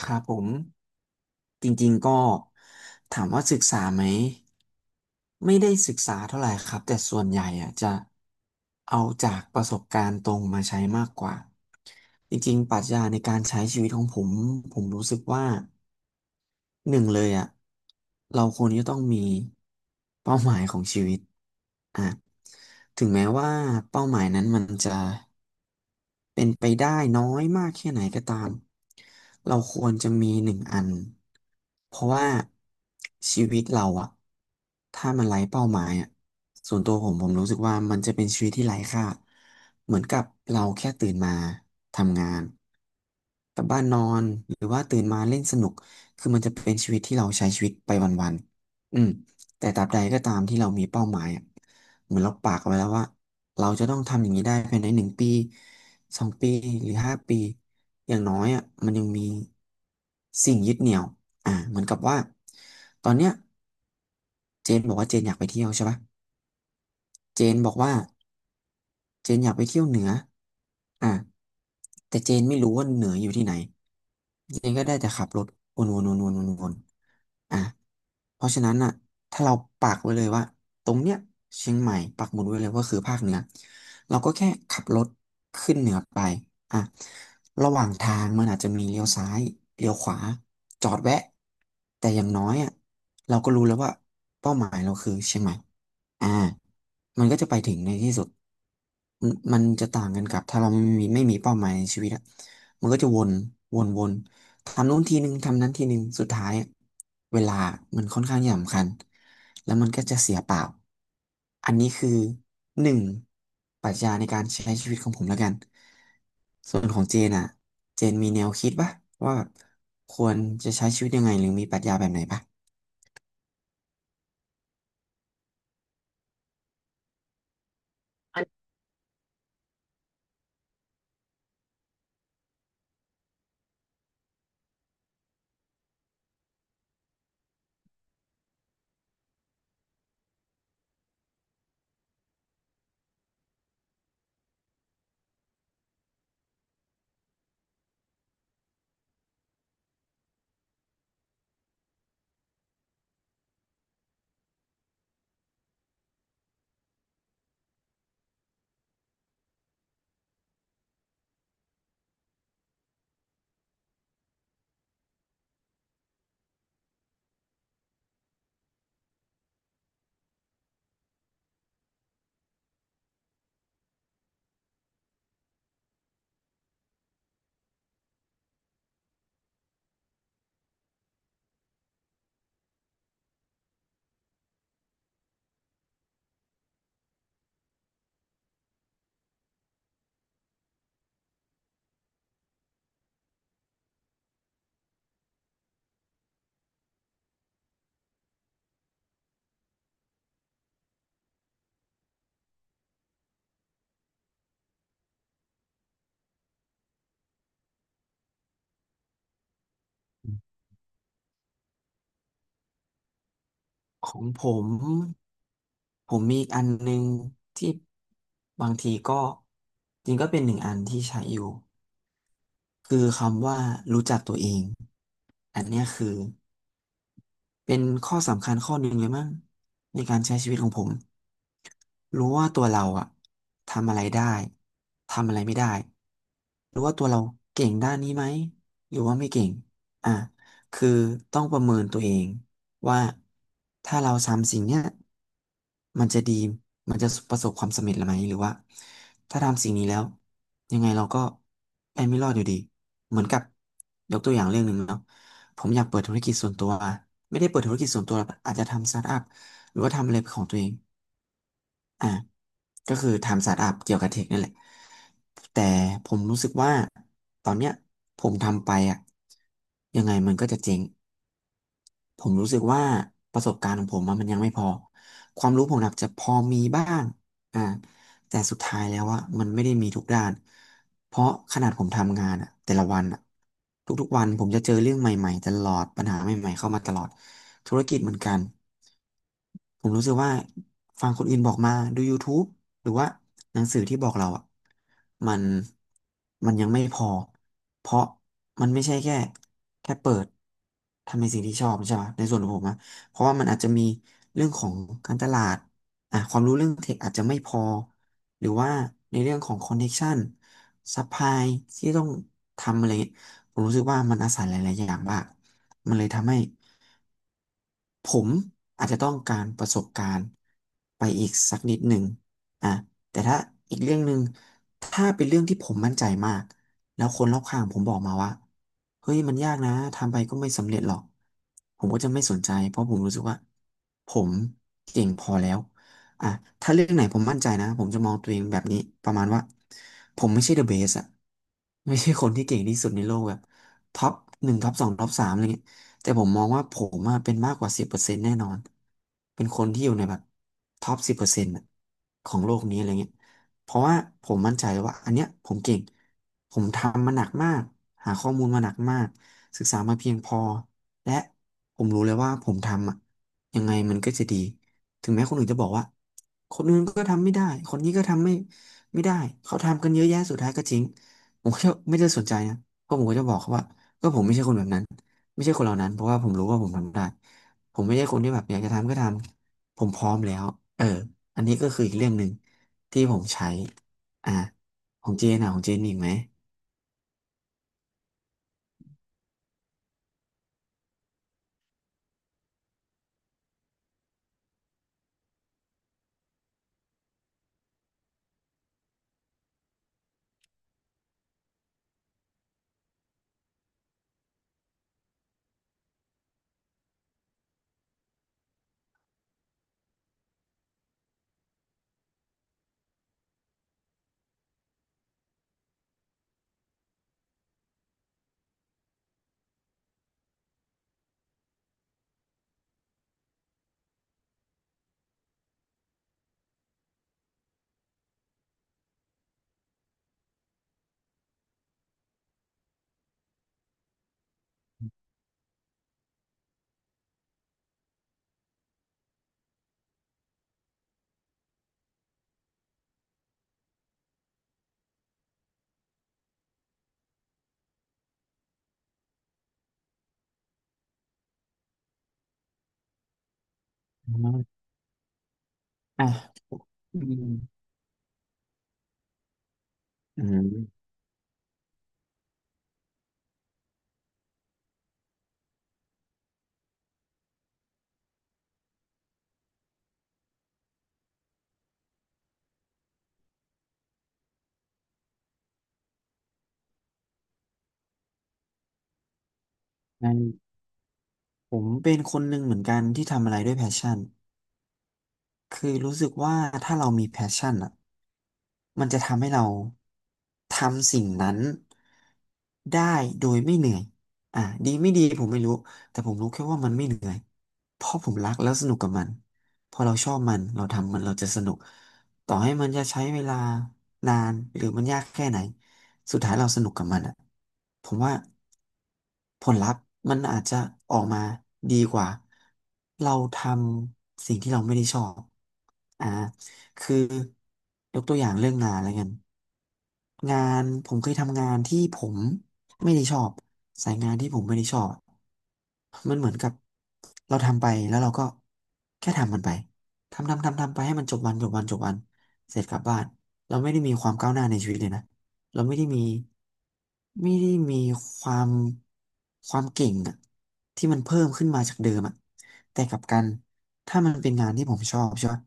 ครับผมจริงๆก็ถามว่าศึกษาไหมไม่ได้ศึกษาเท่าไหร่ครับแต่ส่วนใหญ่อะจะเอาจากประสบการณ์ตรงมาใช้มากกว่าจริงๆปรัชญาในการใช้ชีวิตของผมผมรู้สึกว่าหนึ่งเลยอะเราควรจะต้องมีเป้าหมายของชีวิตอ่ะถึงแม้ว่าเป้าหมายนั้นมันจะ เป็นไปได้น้อยมากแค่ไหนก็ตามเราควรจะมีหนึ่งอันเพราะว่าชีวิตเราอะถ้ามันไร้เป้าหมายอะส่วนตัวผมผมรู้สึกว่ามันจะเป็นชีวิตที่ไร้ค่าเหมือนกับเราแค่ตื่นมาทำงานกลับบ้านนอนหรือว่าตื่นมาเล่นสนุกคือมันจะเป็นชีวิตที่เราใช้ชีวิตไปวันๆแต่ตราบใดก็ตามที่เรามีเป้าหมายอะเหมือนเราปากเอาไว้แล้วว่าเราจะต้องทำอย่างนี้ได้ภายใน1 ปี2 ปีหรือ5 ปีอย่างน้อยอ่ะมันยังมีสิ่งยึดเหนี่ยวเหมือนกับว่าตอนเนี้ยเจนบอกว่าเจนอยากไปเที่ยวใช่ปะเจนบอกว่า เจนอยากไปเที่ยวเหนืออ่ะแต่เจนไม่รู้ว่าเหนืออยู่ที่ไหนเจนก็ได้แต่ขับรถวนวนวนวนวนวนอ่ะเพราะฉะนั้นอ่ะถ้าเราปักไว้เลยว่าตรงเนี้ยเชียงใหม่ปักหมุดไว้เลยว่าคือภาคเหนือเราก็แค่ขับรถขึ้นเหนือไปอ่ะระหว่างทางมันอาจจะมีเลี้ยวซ้ายเลี้ยวขวาจอดแวะแต่อย่างน้อยอ่ะเราก็รู้แล้วว่าเป้าหมายเราคือเชียงใหม่ อ่ามันก็จะไปถึงในที่สุดมันจะต่างกันกับถ้าเราไม่มีเป้าหมายในชีวิตอะมันก็จะวนวนวนทำนู้นทีนึงทำนั้นทีนึงสุดท้ายอะเวลามันค่อนข้างสำคัญแล้วมันก็จะเสียเปล่า อันนี้คือหนึ่งปรัชญาในการใช้ชีวิตของผมแล้วกัน ส่วนของเจนอะเจนมีแนวคิดปะว่าแบบควรจะใช้ชีวิตยังไงหรือมีปรัชญาแบบไหนปะ ของผมผมมีอีกอันหนึ่งที่บางทีก็จริงก็เป็นหนึ่งอันที่ใช้อยู่คือคำว่ารู้จักตัวเองอันเนี้ยคือ เป็นข้อสำคัญข้อหนึ่งเลยมั้งในการใช้ชีวิตของผมรู้ว่าตัวเราอะทำอะไรได้ทำอะไรไม่ได้รู้ว่าตัวเราเก่งด้านนี้ไหมหรือว่าไม่เก่งอ่ะคือต้องประเมินตัวเองว่าถ้าเราทำสิ่งเนี้ยมันจะดีมันจะประสบความสำเร็จหรือไม่หรือว่าถ้าทำสิ่งนี้แล้วยังไงเราก็ไปไม่รอดอยู่ดีเหมือนกับยกตัวอย่างเรื่องหนึ่งเนาะ ผมอยากเปิดธุรกิจส่วนตัวไม่ได้เปิดธุรกิจส่วนตัวหรอกอาจจะทำสตาร์ทอัพหรือว่าทำอะไรของตัวเองอ่าก็คือทำสตาร์ทอัพเกี่ยวกับเทคนั่นแหละแต่ผมรู้สึกว่าตอนเนี้ยผมทำไปอ่ะยังไงมันก็จะเจ๊ง ผมรู้สึกว่าประสบการณ์ของผมอะมันยังไม่พอความรู้ผมอาจจะพอมีบ้างอ่าแต่สุดท้ายแล้วว่ามันไม่ได้มีทุกด้านเพราะขนาดผมทำงานอะแต่ละวันอะทุกๆวันผมจะเจอเรื่องใหม่ๆตลอดปัญหาใหม่ๆเข้ามาตลอดธุรกิจเหมือนกันผมรู้สึกว่าฟังคนอื่นบอกมาดู YouTube หรือว่าหนังสือที่บอกเราอ่ะมันมันยังไม่พอเพราะมันไม่ใช่แค่เปิดทำในสิ่งที่ชอบใช่ไหมในส่วนของผมนะเพราะว่ามันอาจจะมีเรื่องของการตลาดอ่ะความรู้เรื่องเทคอาจจะไม่พอหรือว่าในเรื่องของคอนเน c t ชันซัพพลายที่ต้องทำอะไรเงี้ยผมรู้สึกว่ามันอาศัยหลายๆอย่างมากมันเลยทำให้ ผมอาจจะต้องการประสบการณ์ไปอีกสักนิดหนึ่งอ่ะแต่ถ้าอีกเรื่องหนึ่งถ้าเป็นเรื่องที่ผมมั่นใจมากแล้วคนรอบข้างผมบอกมาว่า เฮ้ย มันยากนะ ทำไปก็ไม่สำเร็จหรอก ผมก็จะไม่สนใจ เพราะผมรู้สึกว่าผมเก่งพอแล้วอ่ะถ้าเรื่องไหนผมมั่นใจนะผมจะมองตัวเองแบบนี้ ประมาณว่า ผมไม่ใช่เดอะเบสอะไม่ใช่คนที่เก่งที่สุดในโลกแบบท็อปหนึ่งท็อปสองท็อปสามอะไรเงี้ย แต่ผมมองว่าผมอะเป็นมากกว่า10%แน่นอน เป็นคนที่อยู่ในแบบท็อปสิบเปอร์เซ็นต์ของโลกนี้อะไรเงี้ยเพราะว่าผมมั่นใจเลยว่าอันเนี้ยผมเก่งผมทำมาหนักมากหาข้อมูลมาหนักมากศึกษามาเพียงพอและผมรู้เลยว่าผมทำอะยังไงมันก็จะดีถึงแม้คนอื่นจะบอกว่าคนอื่นก็ทำไม่ได้คนนี้ก็ทำไม่ได้เขาทำกันเยอะแยะสุดท้ายก็จริงผมก็ไม่ได้สนใจนะเพราะผมก็จะบอกเขาว่าก็ผมไม่ใช่คนแบบนั้น ไม่ใช่คนเหล่านั้นเพราะว่าผมรู้ว่าผมทำได้ผมไม่ใช่คนที่แบบอยากจะทำก็ทำผมพร้อมแล้วเอออันนี้ก็คืออีกเรื่องหนึ่งที่ผมใช้อ่ะของเจนอ่ะของเจนมีอีกไหมอืมอ่ะอืมอืมงั้นผมเป็นคนหนึ่งเหมือนกันที่ทำอะไรด้วยแพชชั่นคือรู้สึกว่าถ้าเรามีแพชชั่นอ่ะ มันจะทำให้เราทำสิ่งนั้นได้โดยไม่เหนื่อยอ่ะดีไม่ดีผมไม่รู้แต่ผมรู้แค่ว่ามันไม่เหนื่อยเพราะผมรักแล้วสนุกกับมันพอเราชอบมันเราทำมันเราจะสนุกต่อให้มันจะใช้เวลานานหรือมันยากแค่ไหนสุดท้ายเราสนุกกับมันอ่ะผมว่าผลลัพธ์มันอาจจะออกมาดีกว่าเราทำสิ่งที่เราไม่ได้ชอบอ่า คือยกตัวอย่างเรื่องงานแล้วกันงานผมเคยทำงานที่ผมไม่ได้ชอบสายงานที่ผมไม่ได้ชอบมันเหมือนกับเราทำไปแล้วเราก็แค่ทำมันไปทำทำทำทำไปให้มันจบวันจบวันจบวันเสร็จกลับบ้านเราไม่ได้มีความก้าวหน้าในชีวิตเลยนะเราไม่ได้มีไม่ได้มีความเก่งอะที่มันเพิ่มขึ้นมาจากเดิมอะ แต่กลับกันถ้ามันเป็นงานที่ผมชอบใช่ปะ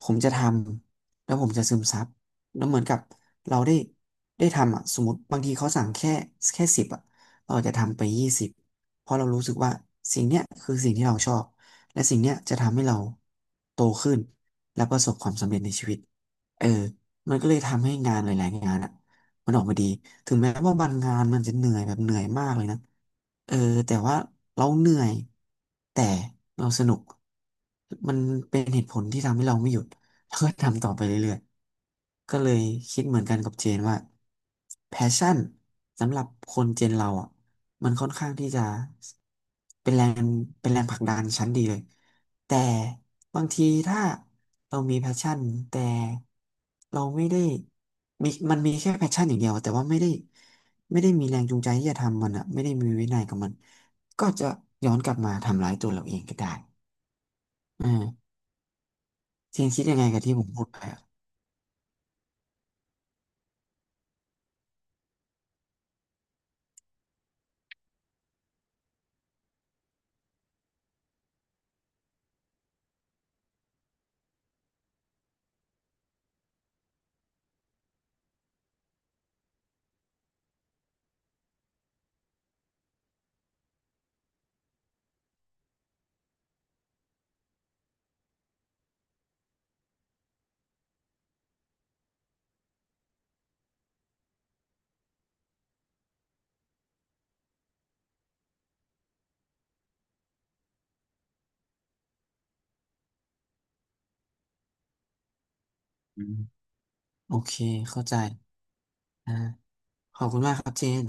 ผมจะทำแล้วผมจะซึมซับแล้วเหมือนกับเราได้ได้ทำอ่ะสมมติบางทีเขาสั่งแค่สิบอ่ะเราอาจจะทำไปยี่สิบเพราะเรารู้สึกว่าสิ่งเนี้ยคือสิ่งที่เราชอบและสิ่งเนี้ยจะทำให้เราโตขึ้นและประสบความสำเร็จในชีวิตเออมันก็เลยทำให้งานหลายๆงานอะ มันออกมาดีถึงแม้ว่าบางงานมันจะเหนื่อยแบบเหนื่อยมากเลยนะเออแต่ว่าเราเหนื่อยแต่เราสนุกมันเป็นเหตุผลที่ทำให้เราไม่หยุดแล้วก็ทำต่อไปเรื่อยๆก็เลยคิดเหมือนกันกับเจนว่าแพชชั่นสำหรับคนเจนเราอ่ะมันค่อนข้างที่จะเป็นแรงผลักดันชั้นดีเลยแต่บางทีถ้าเรามีแพชชั่นแต่เราไม่ได้ มีมันมีแค่แพชชั่นอย่างเดียวแต่ว่าไม่ได้มีแรงจูงใจที่จะทำมันอะไม่ได้มีวินัยกับมันก็จะย้อนกลับมาทำร้ายตัวเราเองก็ได้อ่าเจนคิดยังไงกับที่ผมพูดไปอะอืมโอเคเข้าใจอ่าขอบคุณมากครับเจน